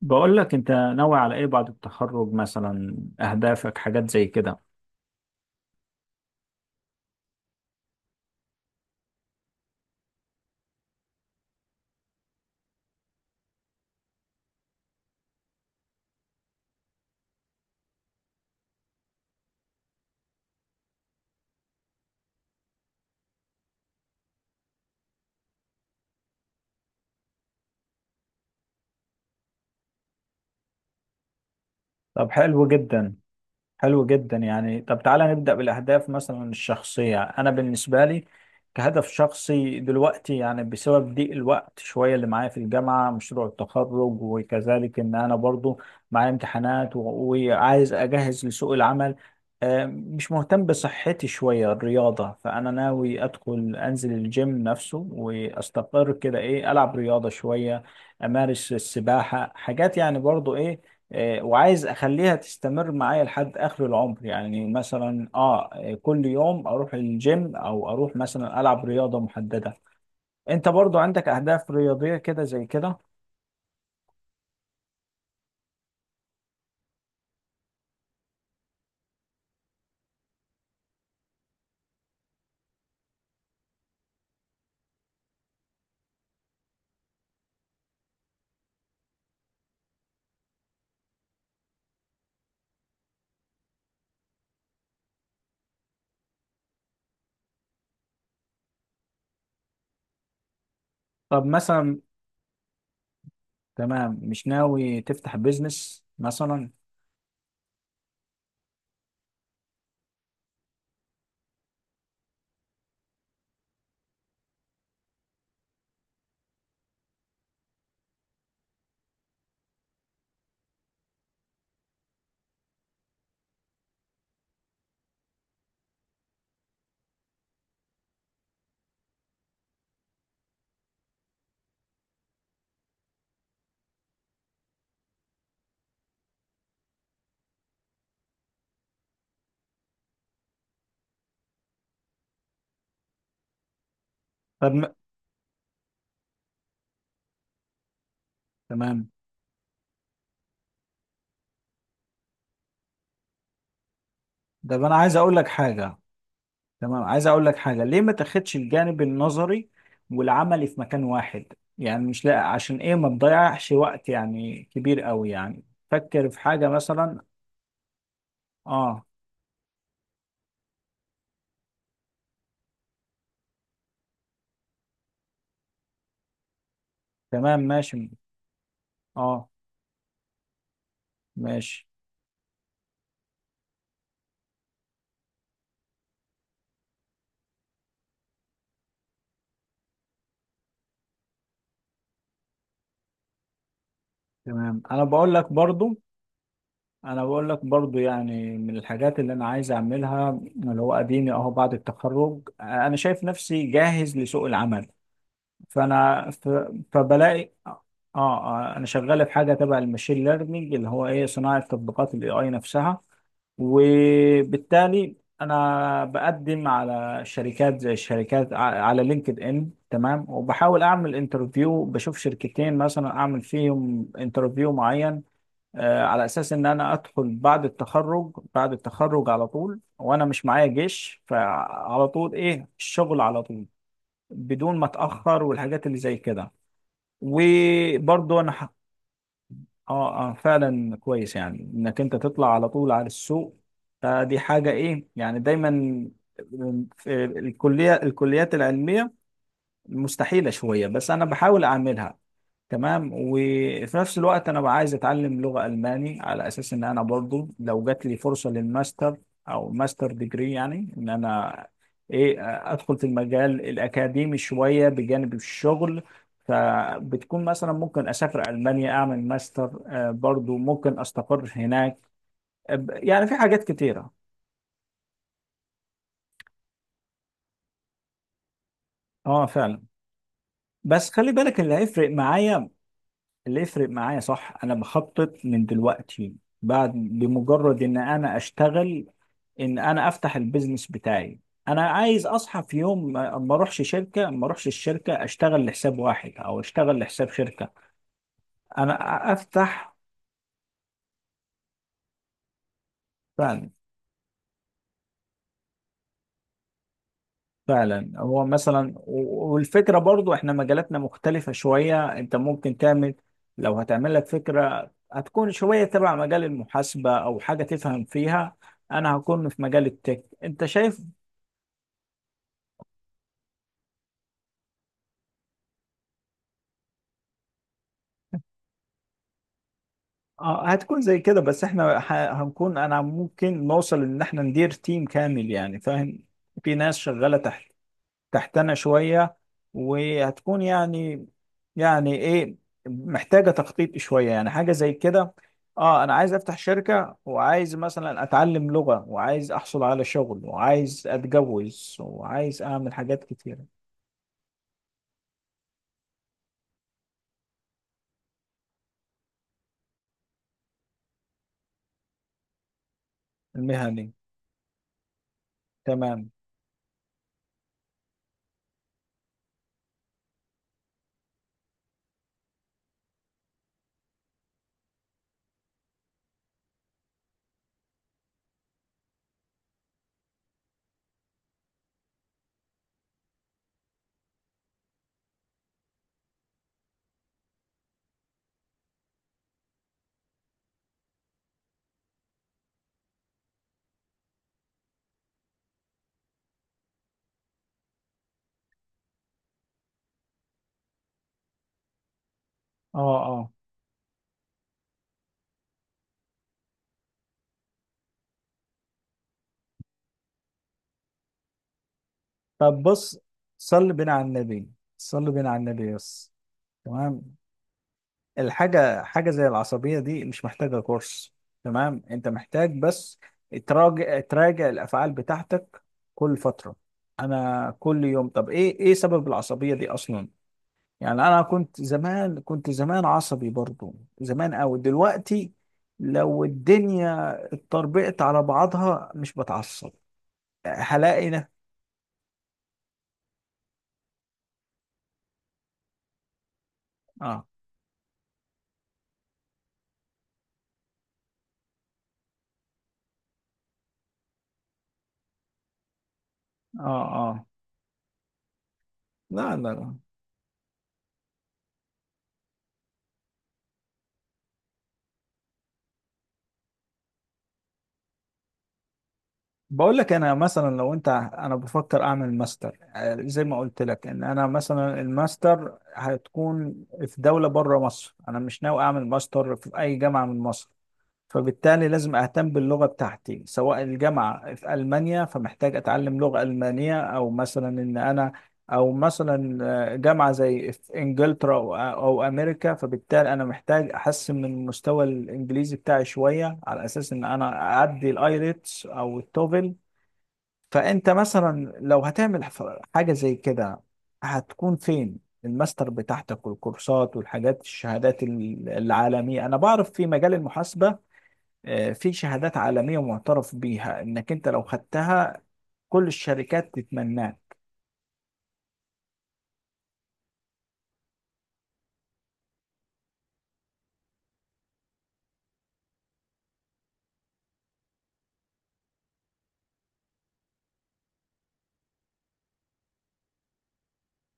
بقول لك انت ناوي على ايه بعد التخرج؟ مثلا اهدافك، حاجات زي كده. طب حلو جدا، حلو جدا، يعني طب تعالى نبدأ بالأهداف، مثلا الشخصية. أنا بالنسبة لي كهدف شخصي دلوقتي، يعني بسبب ضيق الوقت شوية اللي معايا في الجامعة، مشروع التخرج، وكذلك إن أنا برضو معايا امتحانات وعايز أجهز لسوق العمل. مش مهتم بصحتي شوية، الرياضة، فأنا ناوي أدخل أنزل الجيم نفسه وأستقر كده، إيه، ألعب رياضة شوية، امارس السباحه، حاجات يعني برضو ايه. وعايز اخليها تستمر معايا لحد اخر العمر، يعني مثلا كل يوم اروح الجيم او اروح مثلا العب رياضه محدده. انت برضو عندك اهداف رياضيه كده زي كده؟ طب مثلا. تمام، مش ناوي تفتح بيزنس مثلا؟ طب م- تمام. طب انا عايز اقول لك حاجه. تمام، عايز اقول لك حاجه، ليه ما تاخدش الجانب النظري والعملي في مكان واحد؟ يعني مش لا عشان ايه، ما تضيعش وقت يعني كبير قوي يعني، فكر في حاجه مثلا. اه، تمام ماشي. اه، ماشي. تمام. انا بقول لك برضو يعني من الحاجات اللي انا عايز اعملها، اللي هو اديني اهو بعد التخرج، انا شايف نفسي جاهز لسوق العمل، فانا فبلاقي، اه. انا شغال في حاجه تبع المشين ليرنينج، اللي هو ايه صناعه تطبيقات الاي اي نفسها، وبالتالي انا بقدم على شركات زي الشركات على لينكد ان. تمام. وبحاول اعمل انترفيو، بشوف شركتين مثلا اعمل فيهم انترفيو معين، على اساس ان انا ادخل بعد التخرج على طول وانا مش معايا جيش، فعلى طول ايه الشغل على طول، بدون ما اتاخر والحاجات اللي زي كده. وبرضه انا اه، اه، فعلا كويس، يعني انك انت تطلع على طول على السوق، فدي حاجه، ايه، يعني دايما في الكليه، الكليات العلميه مستحيله شويه، بس انا بحاول اعملها. تمام. وفي نفس الوقت انا بقى عايز اتعلم لغة الماني على اساس ان انا برضو لو جات لي فرصة للماستر او ماستر ديجري، يعني ان انا ايه ادخل في المجال الاكاديمي شوية بجانب الشغل، فبتكون مثلا ممكن اسافر المانيا اعمل ماستر، برضو ممكن استقر هناك. يعني في حاجات كتيرة. اه، فعلا. بس خلي بالك اللي هيفرق معايا، اللي يفرق معايا صح، انا بخطط من دلوقتي، بعد بمجرد ان انا اشتغل ان انا افتح البيزنس بتاعي، انا عايز اصحى في يوم ما ما اروحش الشركه، اشتغل لحساب واحد او اشتغل لحساب شركه، انا افتح. فعلا، فعلا. هو مثلا والفكره برضو احنا مجالاتنا مختلفه شويه، انت ممكن تعمل، لو هتعمل لك فكره هتكون شويه تبع مجال المحاسبه او حاجه تفهم فيها، انا هكون في مجال التك، انت شايف. اه، هتكون زي كده، بس احنا هنكون، انا ممكن نوصل ان احنا ندير تيم كامل يعني، فاهم، في ناس شغالة تحت تحتنا شوية، وهتكون يعني، يعني ايه، محتاجة تخطيط شوية، يعني حاجة زي كده. اه، انا عايز افتح شركة وعايز مثلا اتعلم لغة وعايز احصل على شغل وعايز اتجوز وعايز اعمل حاجات كتيرة. المهني. تمام. اه، اه. طب بص، صلي بينا على النبي، صلي بينا على النبي بس. تمام. الحاجة، حاجة زي العصبية دي مش محتاجة كورس، تمام، انت محتاج بس تراجع الافعال بتاعتك كل فترة. انا كل يوم، طب ايه، ايه سبب العصبية دي اصلا؟ يعني انا كنت زمان عصبي برضو، زمان اوي. دلوقتي لو الدنيا اتطربقت على بعضها مش بتعصب، هلاقي ده. اه، اه، اه. لا، لا، لا. بقول لك انا مثلا، لو انت، انا بفكر اعمل ماستر، زي ما قلت لك، ان انا مثلا الماستر هتكون في دولة بره مصر، انا مش ناوي اعمل ماستر في اي جامعة من مصر، فبالتالي لازم اهتم باللغة بتاعتي، سواء الجامعة في المانيا فمحتاج اتعلم لغة المانية، او مثلا جامعة زي في انجلترا او أو امريكا، فبالتالي انا محتاج احسن من مستوى الانجليزي بتاعي شوية على اساس ان انا اعدي الايلتس او التوفل. فانت مثلا لو هتعمل حاجه زي كده، هتكون فين الماستر بتاعتك والكورسات والحاجات، الشهادات العالميه؟ انا بعرف في مجال المحاسبه في شهادات عالميه معترف بيها، انك انت لو خدتها كل الشركات تتمناك.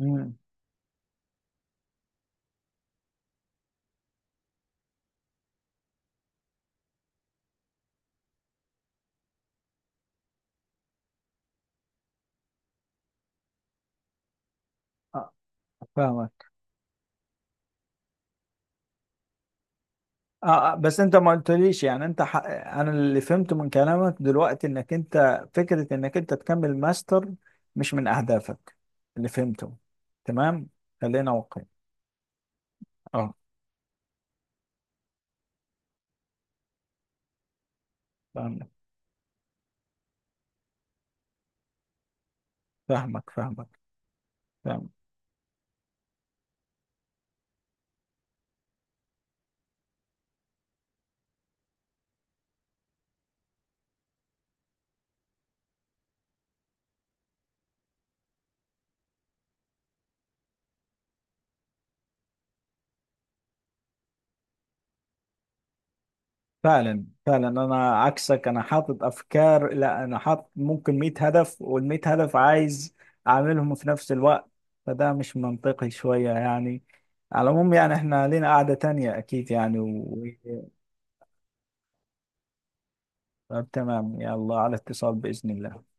امم. آه، فاهمك. بس انت ما قلتليش، يعني انت انا اللي فهمته من كلامك دلوقتي، انك انت فكره انك انت تكمل ماستر مش من اهدافك، اللي فهمته. تمام. خلينا واقعيين. اه، فاهمك، فاهمك، فاهمك، فاهمك. فعلا، فعلا، انا عكسك، انا حاطط افكار، لا انا حاطط ممكن 100 هدف، وال 100 هدف عايز اعملهم في نفس الوقت، فده مش منطقي شوية يعني. على العموم يعني احنا لينا قعدة تانية اكيد يعني و- طب تمام، يلا، على اتصال بإذن الله.